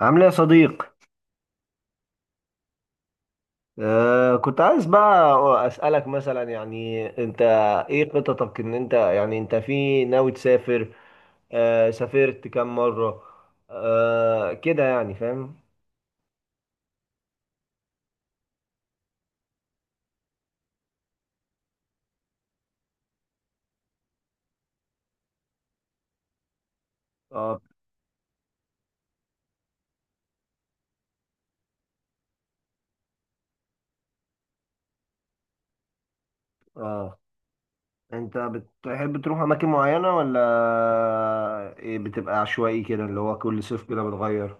عامل ايه يا صديق؟ كنت عايز بقى اسالك، مثلا يعني انت ايه خططك، ان انت يعني انت في ناوي تسافر؟ سافرت كام مره؟ كده، يعني فاهم. اه. اه، انت بتحب تروح اماكن معينه ولا إيه؟ بتبقى عشوائي كده، اللي هو كل صيف كده بتغير؟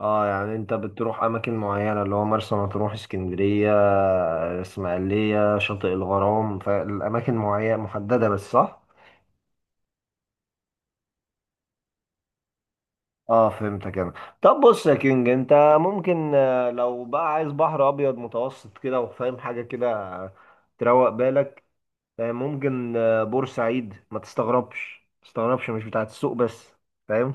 اه، يعني انت بتروح اماكن معينه، اللي هو مرسى مطروح، اسكندريه، اسماعيليه، شاطئ الغرام، فالاماكن معينه محدده بس، صح؟ اه فهمتك انا. طب بص يا كينج، انت ممكن، لو بقى عايز بحر ابيض متوسط كده، وفاهم حاجه كده، تروق بالك، ممكن، بورسعيد، ما تستغربش ما تستغربش، مش بتاعت السوق بس، فاهم؟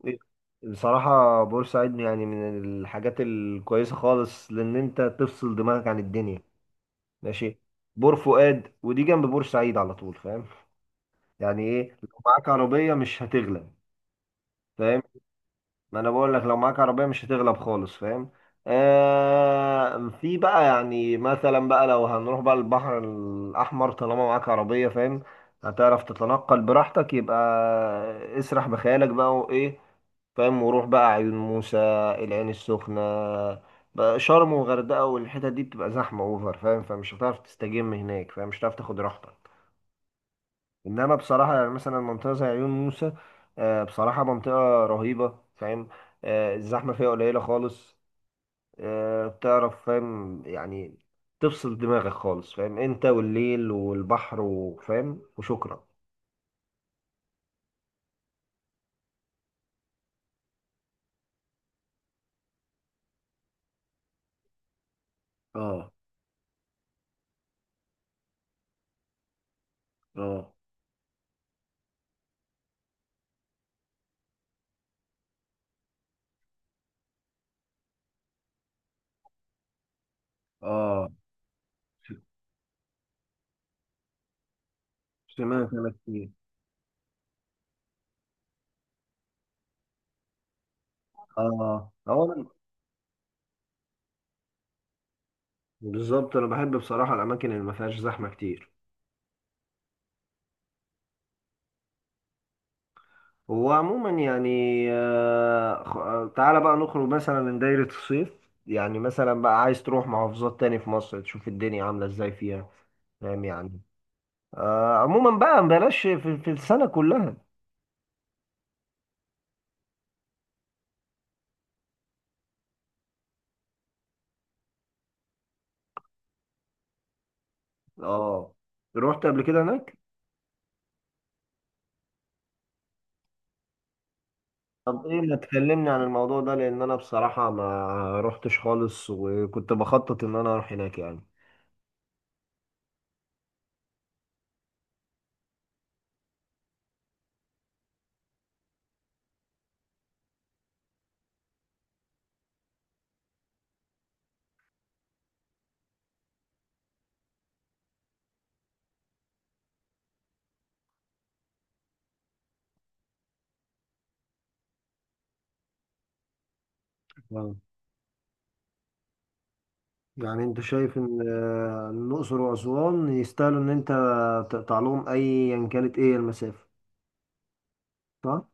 بصراحه بورسعيد يعني من الحاجات الكويسه خالص، لان انت تفصل دماغك عن الدنيا، ماشي؟ بور فؤاد، ودي جنب بورسعيد على طول، فاهم؟ يعني ايه، لو معاك عربيه مش هتغلب، فاهم؟ ما انا بقول لك لو معاك عربيه مش هتغلب خالص، فاهم؟ في بقى يعني، مثلا بقى لو هنروح بقى البحر الاحمر، طالما معاك عربيه فاهم، هتعرف تتنقل براحتك. يبقى اسرح بخيالك بقى وايه، فاهم، وروح بقى عيون موسى، العين السخنه بقى، شرم، وغردقه، والحتت دي بتبقى زحمه اوفر، فاهم؟ فمش هتعرف تستجم هناك، فاهم، مش هتعرف تاخد راحتك. انما بصراحه يعني، مثلا منطقه زي عيون موسى، بصراحه منطقه رهيبه، فاهم، الزحمه فيها قليله خالص، بتعرف فاهم، يعني تفصل دماغك خالص، فاهم، انت والليل والبحر، وفاهم، وشكرا. اه. اه. اه، سمعت انا كتير. اه هو بالظبط، انا بحب بصراحه الاماكن اللي ما فيهاش زحمه كتير. هو عموما يعني، تعالى بقى نخرج مثلا من دايرة الصيف، يعني مثلا بقى عايز تروح محافظات تاني في مصر تشوف الدنيا عاملة ازاي فيها، فاهم يعني؟ آه عموما بقى بلاش، في السنة كلها. اه، رحت قبل كده هناك؟ طب ايه، ما تكلمني عن الموضوع ده؟ لان انا بصراحة ما رحتش خالص، وكنت بخطط ان انا اروح هناك يعني. آه. يعني انت شايف ان الاقصر واسوان يستاهلوا ان انت تقطع لهم ايا كانت ايه المسافة، صح؟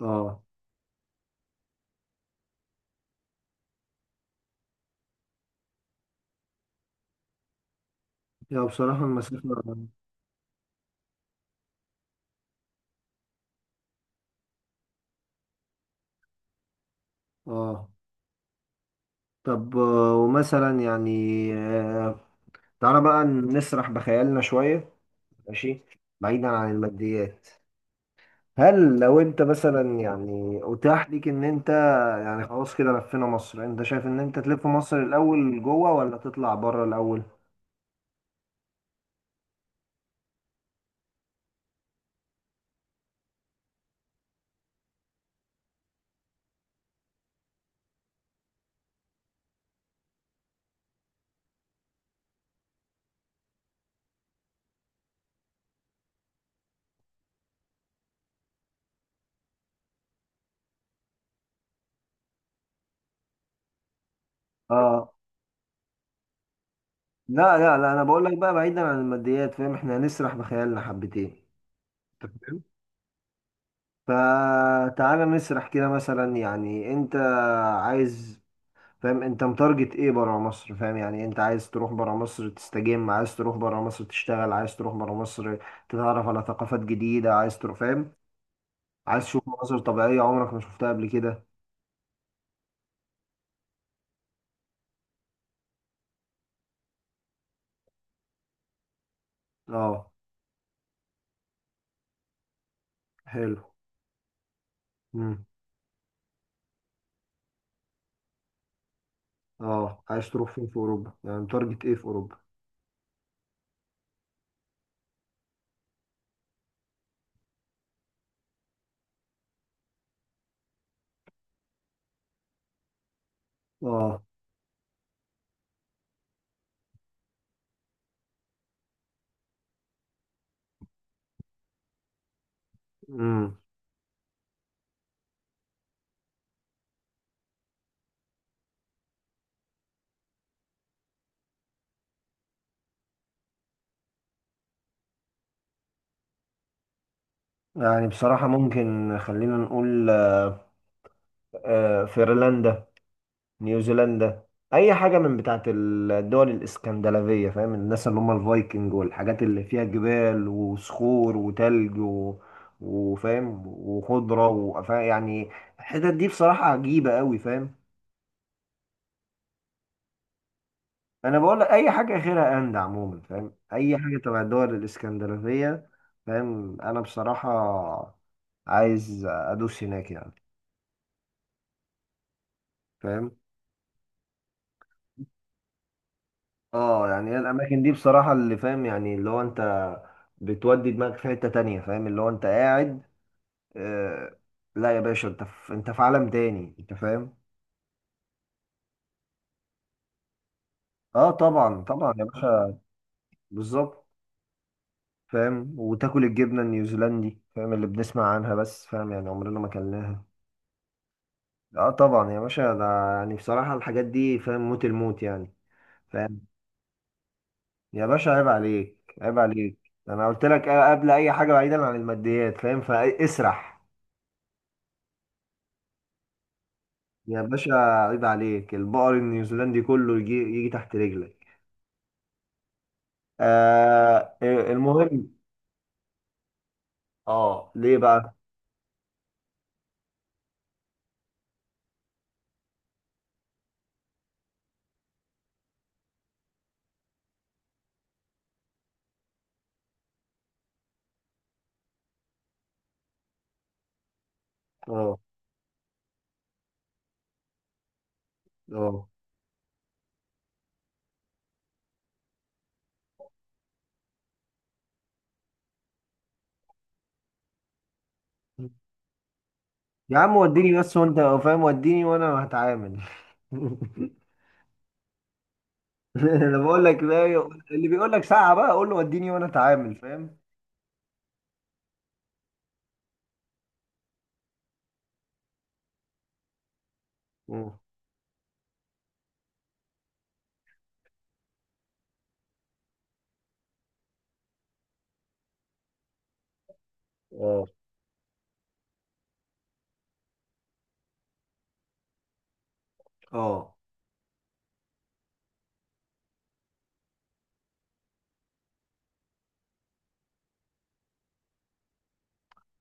اه. يا بصراحة المسافة. اه. طب ومثلا يعني، آه، تعالى بقى نسرح بخيالنا شوية، ماشي، بعيدا عن الماديات. هل لو انت مثلا يعني اتاح ليك ان انت يعني خلاص كده لفينا مصر، انت شايف ان انت تلف مصر الاول جوه، ولا تطلع بره الاول؟ اه. لا لا لا، انا بقول لك بقى بعيدا عن الماديات فاهم، احنا هنسرح بخيالنا حبتين. فتعالى نسرح كده، مثلا يعني انت عايز، فاهم، انت متارجت ايه برا مصر؟ فاهم يعني، انت عايز تروح برا مصر تستجم، عايز تروح برا مصر تشتغل، عايز تروح برا مصر تتعرف على ثقافات جديدة، عايز تروح فاهم، عايز تشوف مناظر طبيعية عمرك ما شفتها قبل كده. اه. حلو. امم اه، عايز تروح فين في اوروبا؟ يعني متارجت ايه في اوروبا؟ اه. امم يعني بصراحة ممكن، خلينا نقول فنلندا، نيوزيلندا، اي حاجه من بتاعه الدول الاسكندنافيه، فاهم، الناس اللي هم الفايكنج، والحاجات اللي فيها جبال وصخور وتلج، و... وفاهم، وخضره وفا، يعني الحتت دي بصراحه عجيبه قوي، فاهم. انا بقول لك اي حاجه غيرها اند، عموما فاهم اي حاجه تبع الدول الاسكندنافيه، فاهم. انا بصراحه عايز ادوس هناك يعني، فاهم. اه، يعني هي الاماكن دي بصراحه اللي فاهم، يعني اللي هو انت بتودي دماغك في حته تانية، فاهم، اللي هو انت قاعد، آه، لا يا باشا، انت في عالم تاني، انت فاهم. اه طبعا طبعا يا باشا. بالظبط، فاهم، وتاكل الجبنه النيوزيلندي، فاهم، اللي بنسمع عنها بس، فاهم يعني عمرنا ما اكلناها. اه طبعا يا باشا، ده يعني بصراحه الحاجات دي فاهم موت الموت يعني، فاهم. يا باشا عيب عليك، عيب عليك، انا قلت لك قبل اي حاجه بعيدا عن الماديات، فاهم فاسرح. يا باشا عيب عليك، البقر النيوزيلندي كله يجي يجي تحت رجلك. المهم. اه ليه بقى؟ اه. اه، يا عم وديني بس، وانت فاهم وديني وانا هتعامل. انا بقول لك بقى، اللي بيقول لك ساعة بقى قول له وديني وانا اتعامل، فاهم. مم. اه. اه.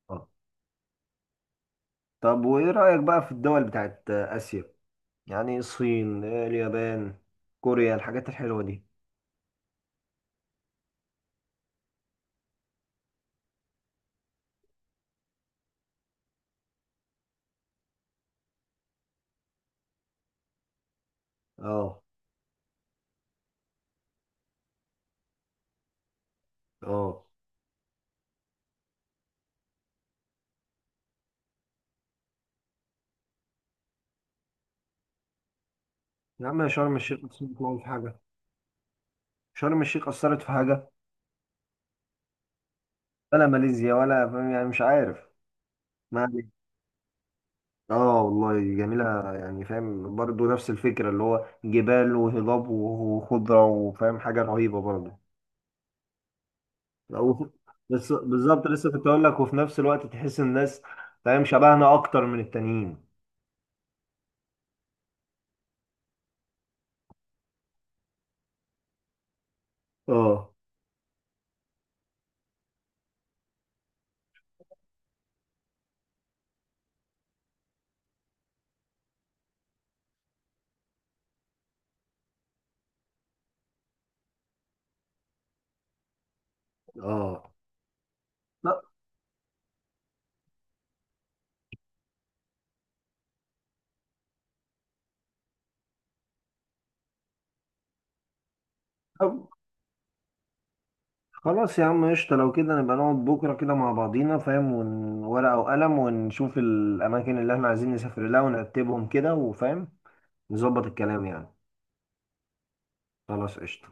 اه طب وايه رأيك بقى في الدول بتاعت آسيا؟ يعني الصين، اليابان، كوريا، الحاجات الحلوة دي. اه. اه، يا عم يا شرم الشيخ أثرت معاهم في حاجة؟ شرم الشيخ أثرت في حاجة؟ ولا ماليزيا ولا، فاهم يعني مش عارف. ما عليك. اه والله جميلة يعني، فاهم، برضه نفس الفكرة، اللي هو جبال وهضاب وخضرة، وفاهم حاجة رهيبة برضه. لو- بس بالظبط، لسه كنت أقول لك، وفي نفس الوقت تحس الناس فاهم شبهنا أكتر من التانيين. اه. اه. لا خلاص يا عم قشطة، لو كده نبقى نقعد بكرة كده مع بعضينا، فاهم، وورقة وقلم، ونشوف الأماكن اللي احنا عايزين نسافر لها، ونرتبهم كده، وفاهم نظبط الكلام يعني. خلاص قشطة.